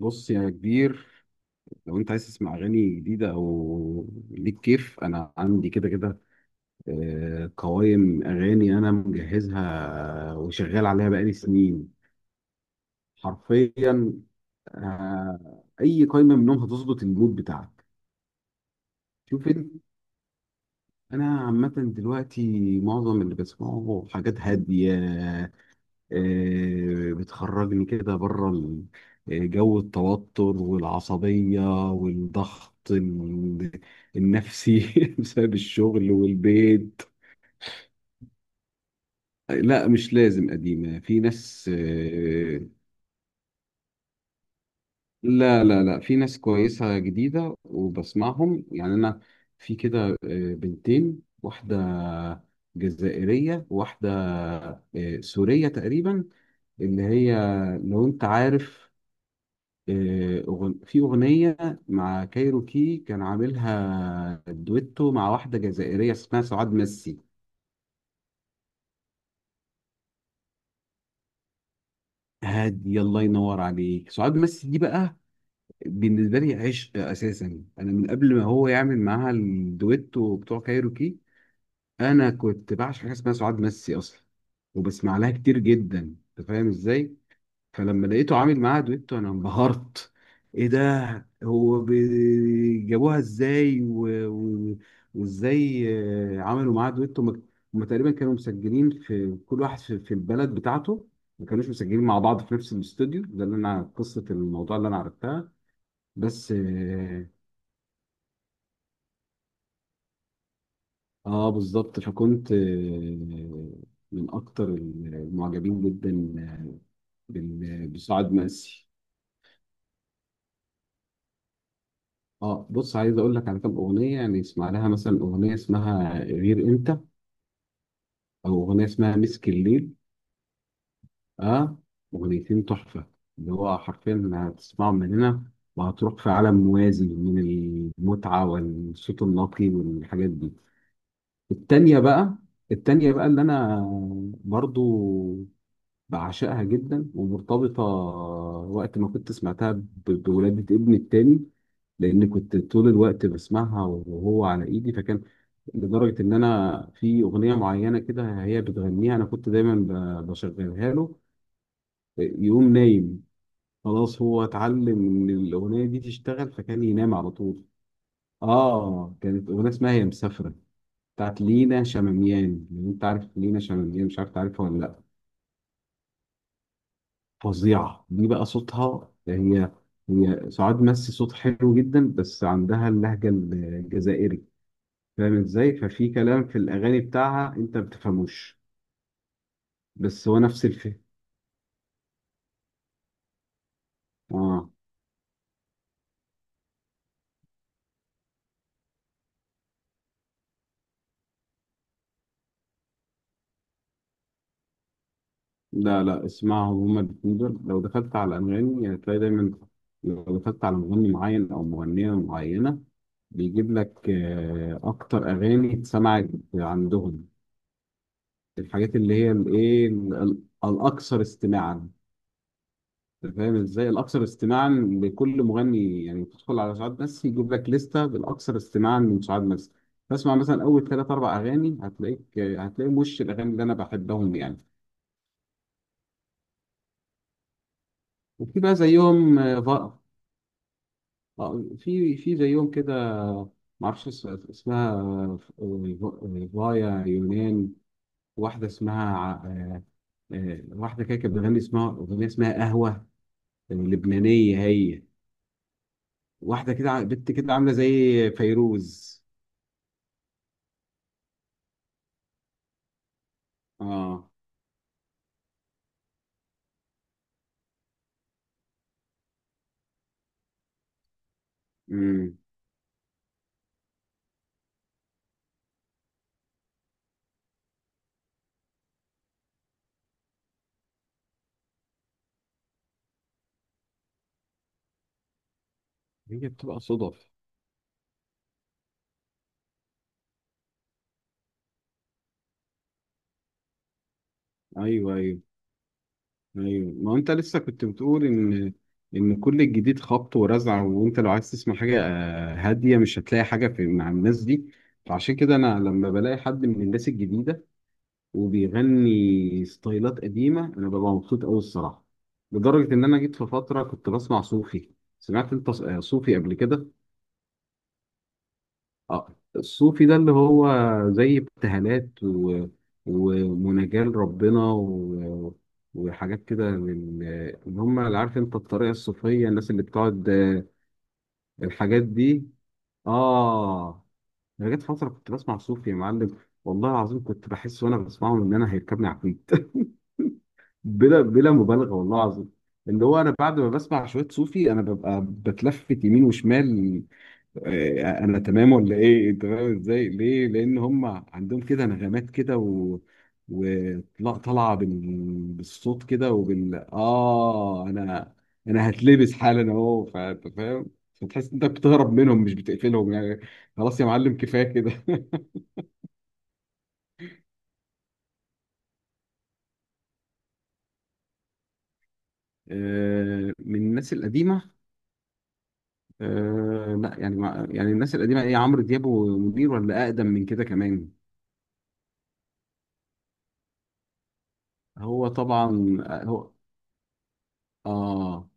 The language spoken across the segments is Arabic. بص يا كبير. لو انت عايز تسمع اغاني جديده او ليك كيف، انا عندي كده كده. قوائم اغاني انا مجهزها، وشغال عليها بقالي سنين حرفيا. اي قائمه منهم هتظبط المود بتاعك. شوف انت، انا عامه دلوقتي معظم اللي بسمعه حاجات هاديه، بتخرجني كده بره جو التوتر والعصبية والضغط النفسي بسبب الشغل والبيت. لا مش لازم قديمة، في ناس. لا لا لا، في ناس كويسة جديدة وبسمعهم يعني. أنا في كده بنتين، واحدة جزائرية، واحدة سورية تقريبا اللي هي، لو أنت عارف. في أغنية مع كايروكي كان عاملها دويتو مع واحدة جزائرية اسمها سعاد مسي. هادي الله ينور عليك، سعاد مسي دي بقى بالنسبة لي عشق أساسا. أنا من قبل ما هو يعمل معاها الدويتو بتوع كايروكي، أنا كنت بعشق حاجة اسمها سعاد مسي أصلا، وبسمع لها كتير جدا. أنت فاهم إزاي؟ فلما لقيته عامل معاها دويتو، انا انبهرت. ايه ده. جابوها ازاي و... وازاي عملوا معاها دويتو. هم هم تقريبا كانوا مسجلين، في كل واحد في البلد بتاعته، ما كانوش مسجلين مع بعض في نفس الاستوديو، ده اللي انا قصة الموضوع اللي انا عرفتها. بس اه، بالظبط، فكنت من اكتر المعجبين جدا، آه، بسعاد مقسي. اه بص، عايز اقول لك على كام اغنيه، يعني اسمع لها مثلا اغنيه اسمها غير انت، او اغنيه اسمها مسك الليل. اه، اغنيتين تحفه، اللي هو حرفيا هتسمعهم من هنا وهتروح في عالم موازي من المتعه والصوت النقي والحاجات دي. التانيه بقى، التانيه بقى اللي انا برضو بعشقها جدا، ومرتبطه وقت ما كنت سمعتها بولادة ابني التاني، لان كنت طول الوقت بسمعها وهو على ايدي، فكان لدرجة إن أنا في أغنية معينة كده هي بتغنيها، أنا كنت دايما بشغلها له، يقوم نايم. خلاص هو اتعلم إن الأغنية دي تشتغل فكان ينام على طول. آه، كانت أغنية اسمها هي مسافرة، بتاعت لينا شماميان. لو أنت عارف لينا شماميان، مش عارف تعرفها ولا لأ. فظيعة دي بقى، صوتها. هي هي سعاد مسي صوت حلو جدا، بس عندها اللهجة الجزائري، فاهم ازاي؟ ففي كلام في الأغاني بتاعها أنت ما بتفهموش، بس هو نفس اه. لا لا اسمعهم هما الاتنين دول. لو دخلت على انغامي هتلاقي دايما، لو دخلت على مغني معين او مغنيه معينه، بيجيب لك اكتر اغاني اتسمعت عندهم، الحاجات اللي هي الايه الاكثر استماعا. أنت فاهم ازاي؟ الاكثر استماعا لكل مغني، يعني تدخل على شعب مسي يجيب لك لسته بالاكثر استماعا من شعب مسي، تسمع مثلا اول ثلاث اربع اغاني، هتلاقيك هتلاقي وش الاغاني اللي انا بحبهم يعني. وفي بقى زيهم. اه في زيهم كده، معرفش اسمها، فايا يونان، واحدة اسمها واحدة كده كانت بتغني، اسمها أغنية اسمها قهوة، لبنانية هي، واحدة كده بنت كده عاملة زي فيروز. اه، امم، هي بتبقى صدف. ايوه، ايوه، ايوه، ما انت لسه كنت بتقول ان ان كل الجديد خبط ورزع، وانت لو عايز تسمع حاجه هاديه مش هتلاقي حاجه في مع الناس دي. فعشان كده انا لما بلاقي حد من الناس الجديده وبيغني ستايلات قديمه، انا ببقى مبسوط قوي الصراحه. لدرجه ان انا جيت في فتره كنت بسمع صوفي. سمعت انت صوفي قبل كده؟ اه الصوفي ده، اللي هو زي ابتهالات ومناجاة ربنا وحاجات كده، من اللي هم اللي عارف انت الطريقة الصوفية، الناس اللي بتقعد الحاجات دي. اه، انا جت فترة كنت بسمع صوفي يا معلم، والله العظيم كنت بحس وانا بسمعهم ان انا هيركبني عفريت بلا بلا مبالغة، والله العظيم. اللي هو انا بعد ما بسمع شوية صوفي، انا ببقى بتلفت يمين وشمال، انا تمام ولا ايه، انت فاهم ازاي؟ ليه؟ لان هم عندهم كده نغمات كده وطلع طالعه بالصوت كده، وبال اه، انا هتلبس حالا اهو، فانت فاهم. فتحس انت بتهرب منهم، مش بتقفلهم يعني. خلاص يا معلم، كفايه كده من الناس القديمه، لا يعني يعني الناس القديمه، ايه عمرو دياب ومنير، ولا اقدم من كده كمان؟ هو طبعا، هو اه،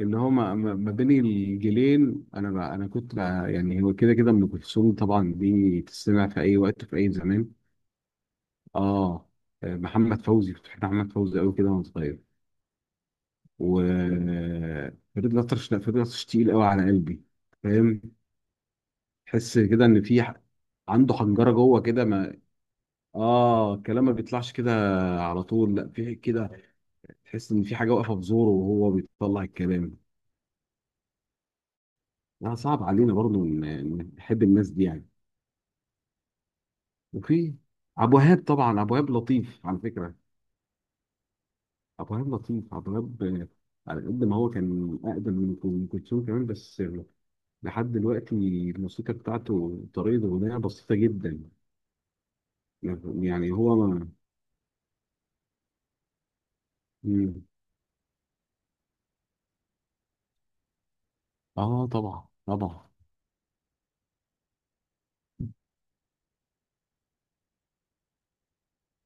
اللي هو ما بين الجيلين، انا بقى انا كنت بقى يعني هو كده كده ام كلثوم طبعا، دي تسمع في اي وقت في اي زمان. اه، محمد فوزي، كنت بحب محمد فوزي قوي كده وانا صغير، و فريد الأطرش. لا فريد الأطرش تقيل قوي على قلبي، فاهم. تحس كده ان في عنده حنجره جوه كده، ما اه، الكلام ما بيطلعش كده على طول. لا في كده، تحس ان في حاجه واقفه في زوره وهو بيطلع الكلام. لا، صعب علينا برضه إن نحب الناس دي يعني. وفي عبد الوهاب، طبعا عبد الوهاب لطيف على فكره. عبد الوهاب لطيف، عبد الوهاب، على قد ما هو كان اقدم من ام كلثوم كمان، بس لحد دلوقتي الموسيقى بتاعته طريقه اغنيه بسيطه جدا. يعني هو ما... مم. اه، طبعا طبعا.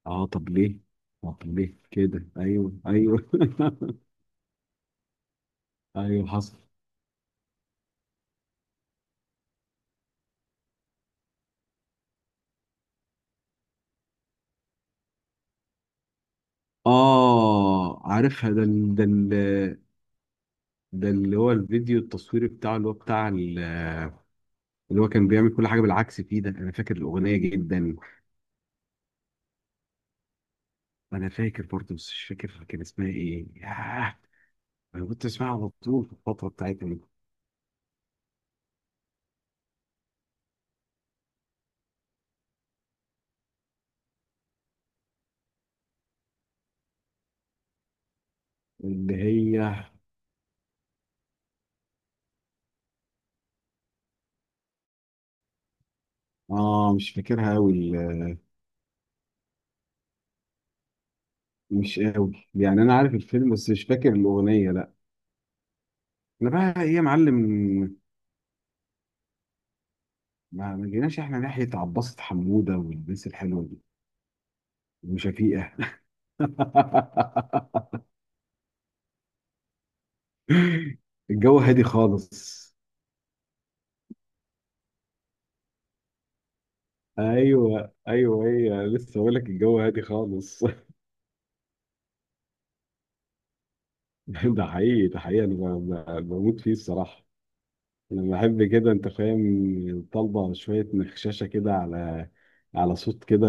اه طب ليه، طب ليه كده، ايوه ايوه ايوه حصل. اه عارفها، ده اللي هو الفيديو التصويري بتاعه، اللي هو بتاع اللي هو كان بيعمل كل حاجه بالعكس فيه، ده انا فاكر الاغنيه جدا. انا فاكر برضه، بس مش فاكر كان اسمها ايه، ياه. انا كنت اسمعها على طول في الفتره بتاعتها دي اللي هي. اه مش فاكرها قوي، مش قوي يعني، انا عارف الفيلم بس مش فاكر الاغنيه لا. انا بقى ايه يا معلم، ما جيناش احنا ناحيه عباسة حموده والناس الحلوه دي، وشفيقه الجو هادي خالص. ايوه ايوه، هي لسه بقول لك الجو هادي خالص ده حقيقي، ده حقيقي، انا بموت فيه الصراحه. انا بحب كده، انت فاهم، طالبه شويه مخششه كده على، على صوت كده،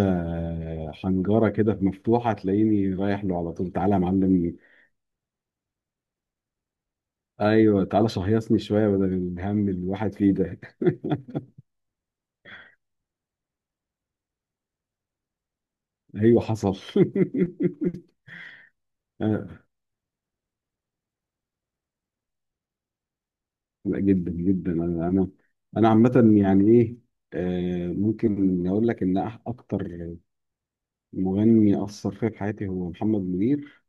حنجره كده مفتوحه، تلاقيني رايح له على طول، تعالى يا معلم. ايوه تعالى شهيصني شويه، بدل الهم اللي الواحد فيه ده ايوه حصل آه، لا جدا جدا، انا عامه، يعني ايه، ممكن اقول لك ان اكتر مغني اثر فيا في حياتي هو محمد منير،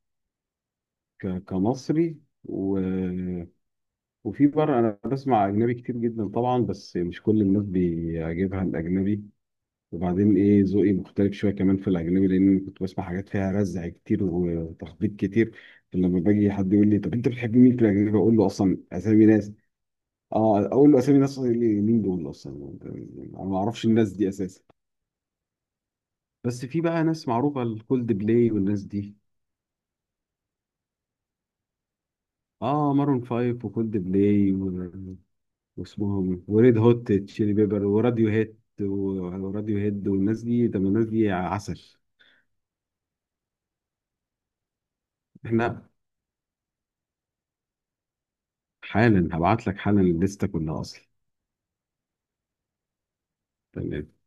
كمصري، و... وفي بره انا بسمع اجنبي كتير جدا طبعا، بس مش كل الناس بيعجبها الاجنبي. وبعدين ايه، ذوقي مختلف شويه كمان في الاجنبي، لان كنت بسمع حاجات فيها رزع كتير وتخبيط كتير. فلما باجي حد يقول لي طب انت بتحب مين في الاجنبي، اقول له اصلا اسامي ناس. اه، اقول له اسامي ناس، يقول لي مين دول اصلا، انا ما اعرفش الناس دي اساسا. بس في بقى ناس معروفه، الكولد بلاي والناس دي، اه مارون فايف وكولد بلاي، واسمهم وريد هوت تشيلي بيبر وراديو هيد، والناس دي، طب الناس دي عسل. احنا حالا هبعت لك حالا الليسته كلها اصلا. تمام.